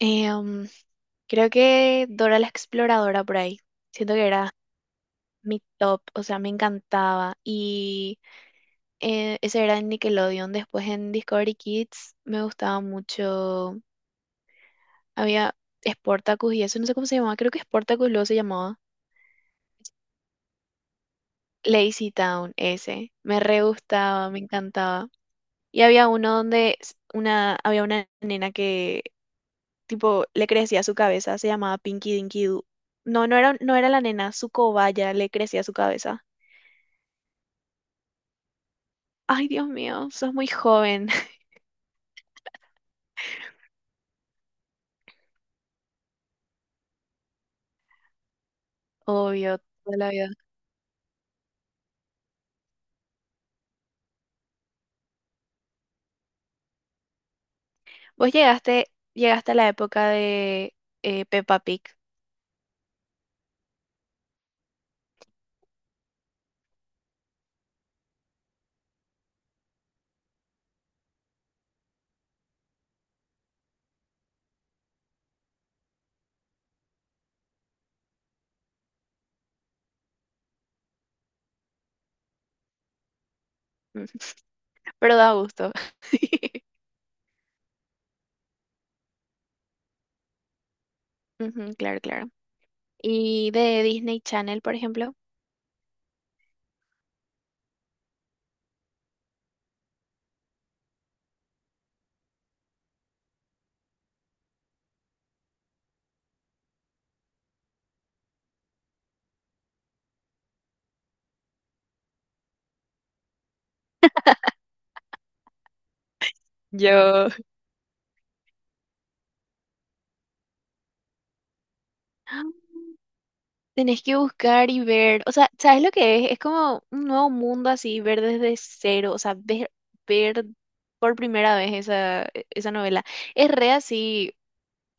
Em, Creo que Dora la Exploradora por ahí. Siento que era mi top, o sea, me encantaba. Y ese era en Nickelodeon. Después en Discovery Kids me gustaba mucho. Había Sportacus y eso, no sé cómo se llamaba, creo que Sportacus luego se llamaba. Lazy Town, ese. Me re gustaba, me encantaba. Y había uno donde una, había una nena que tipo, le crecía su cabeza, se llamaba Pinky Dinky Doo. No, no era, la nena, su cobaya le crecía su cabeza. Ay, Dios mío, sos muy joven. Obvio, toda la vida. Vos llegaste, llegaste a la época de Peppa Pig. Ujú, pero da gusto. Ujú, claro, claro. Y de Disney Channel, por ejemplo. Yo, tenés que buscar y ver, o sea, ¿sabes lo que es? Es como un nuevo mundo así, ver desde cero, o sea, ver por primera vez esa, esa novela. Es re así,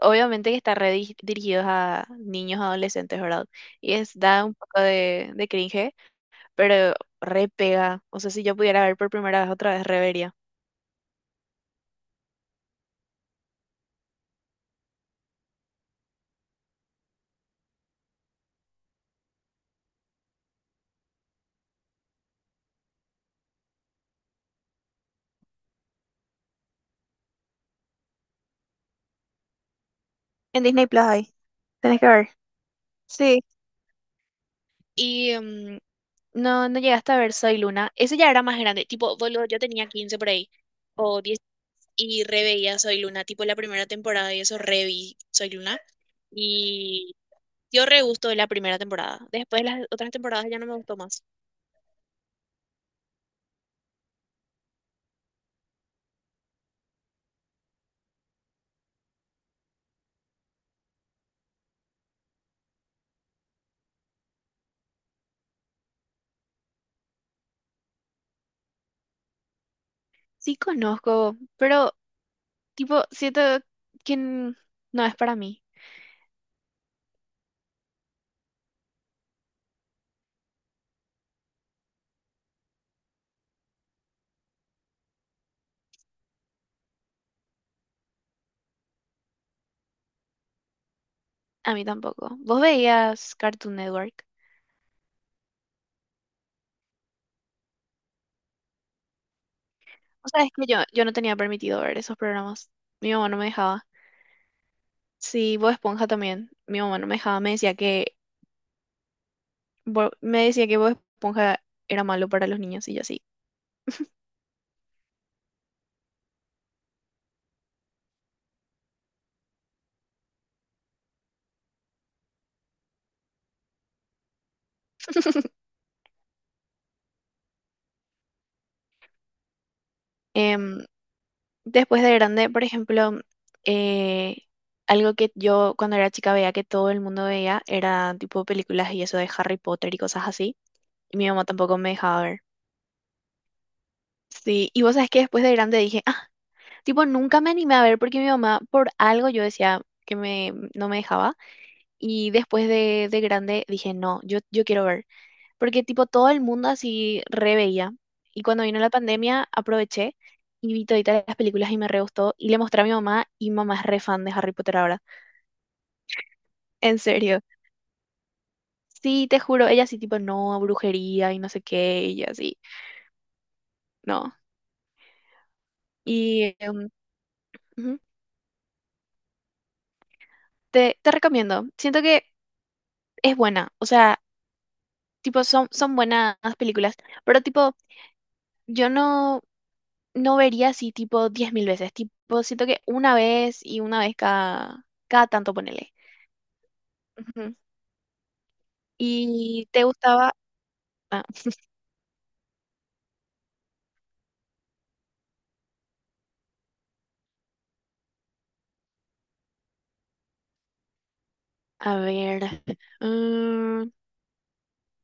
obviamente que está dirigidos a niños, adolescentes, ¿verdad? Y es, da un poco de cringe, pero re pega. O sea, si yo pudiera ver por primera vez otra vez, revería. En Disney Plus hay, tenés que ver. Sí. Y no, no llegaste a ver Soy Luna. Ese ya era más grande, tipo, boludo, yo tenía 15 por ahí, o y reveía Soy Luna, tipo la primera temporada y eso reví Soy Luna y dio re gusto de la primera temporada. Después las otras temporadas ya no me gustó más. Sí conozco, pero tipo, siento que no es para mí. A mí tampoco. ¿Vos veías Cartoon Network? O sea, es que yo no tenía permitido ver esos programas. Mi mamá no me dejaba. Sí, Bob Esponja también. Mi mamá no me dejaba. Me decía que Bob Esponja era malo para los niños y yo sí. Em, Después de grande, por ejemplo, eh, algo que yo cuando era chica veía que todo el mundo veía era tipo películas y eso de Harry Potter y cosas así. Y mi mamá tampoco me dejaba ver. Sí, y vos sabés que después de grande dije, ah, tipo, nunca me animé a ver porque mi mamá, por algo yo decía que no me dejaba. Y después de grande dije, no, yo quiero ver. Porque tipo todo el mundo así re veía. Y cuando vino la pandemia aproveché y vi toditas las películas y me re gustó. Y le mostré a mi mamá y mi mamá es re fan de Harry Potter ahora. En serio. Sí, te juro. Ella sí tipo, no, brujería y no sé qué. Y yo así, no. Y ujú, te recomiendo. Siento que es buena. O sea, tipo son buenas películas. Pero tipo, yo no... no vería así tipo 10.000 veces, tipo siento que una vez y una vez cada tanto ponele. Ujú. Y te gustaba, ah, a ver, mm,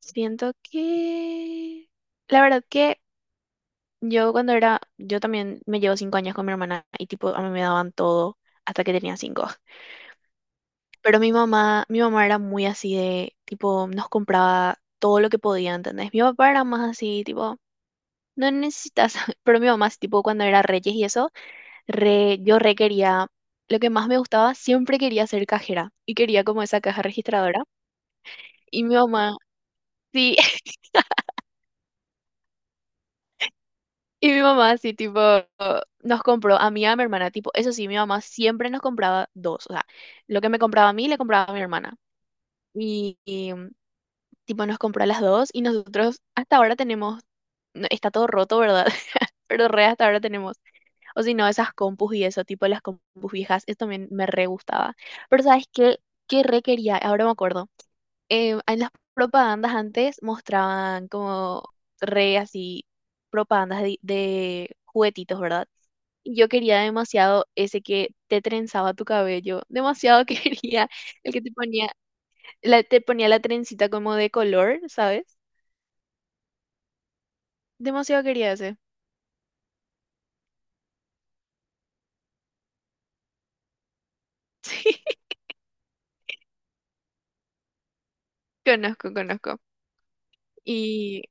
siento que la verdad que yo cuando era, yo también me llevo 5 años con mi hermana y tipo a mí me daban todo hasta que tenía 5. Pero mi mamá era muy así de, tipo, nos compraba todo lo que podía, ¿entendés? Mi papá era más así, tipo, no necesitas, pero mi mamá, sí, tipo, cuando era Reyes y eso re, yo re quería, lo que más me gustaba, siempre quería ser cajera y quería como esa caja registradora. Y mi mamá, sí, y mi mamá así tipo nos compró a mí y a mi hermana, tipo, eso sí, mi mamá siempre nos compraba dos, o sea, lo que me compraba a mí le compraba a mi hermana. Y, y, tipo nos compró a las dos y nosotros hasta ahora tenemos, no, está todo roto, ¿verdad? Pero re hasta ahora tenemos. O si no, esas compus y eso, tipo las compus viejas, eso también me re gustaba. Pero ¿sabes qué? ¿Qué re quería? Ahora me acuerdo en las propagandas antes mostraban como re así propagandas de juguetitos, ¿verdad? Y yo quería demasiado ese que te trenzaba tu cabello, demasiado quería el que te ponía, te ponía la trencita como de color, ¿sabes? Demasiado quería ese. Sí, conozco, conozco. Y,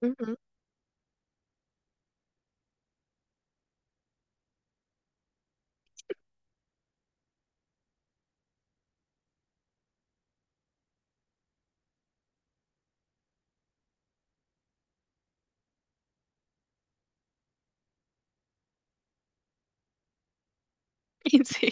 ujú, y sí.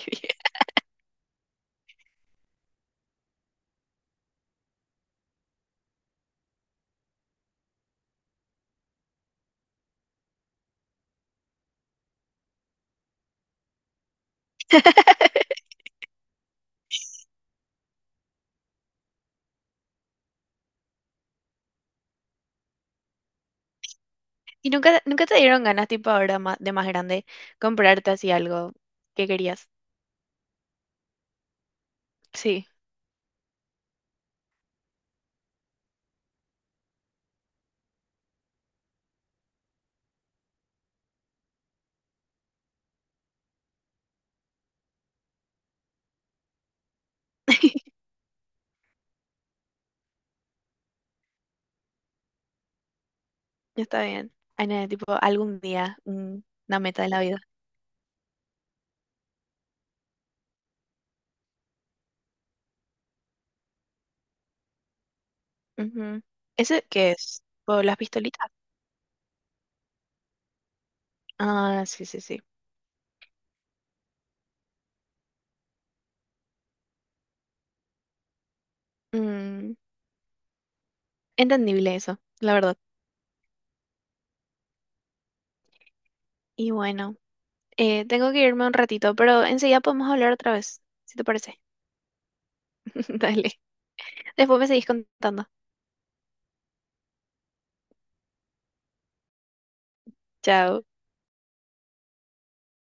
¿Y nunca te dieron ganas, tipo ahora de más grande, comprarte así algo que querías? Sí. Está bien. Ay, nene, tipo, algún día, una meta de la vida. Ujú. ¿Ese qué es? ¿Por las pistolitas? Ah, sí, sí, sí. Mm, entendible eso, la verdad. Y bueno, tengo que irme un ratito, pero enseguida podemos hablar otra vez, si te parece. Dale. Después me seguís contando. Chao.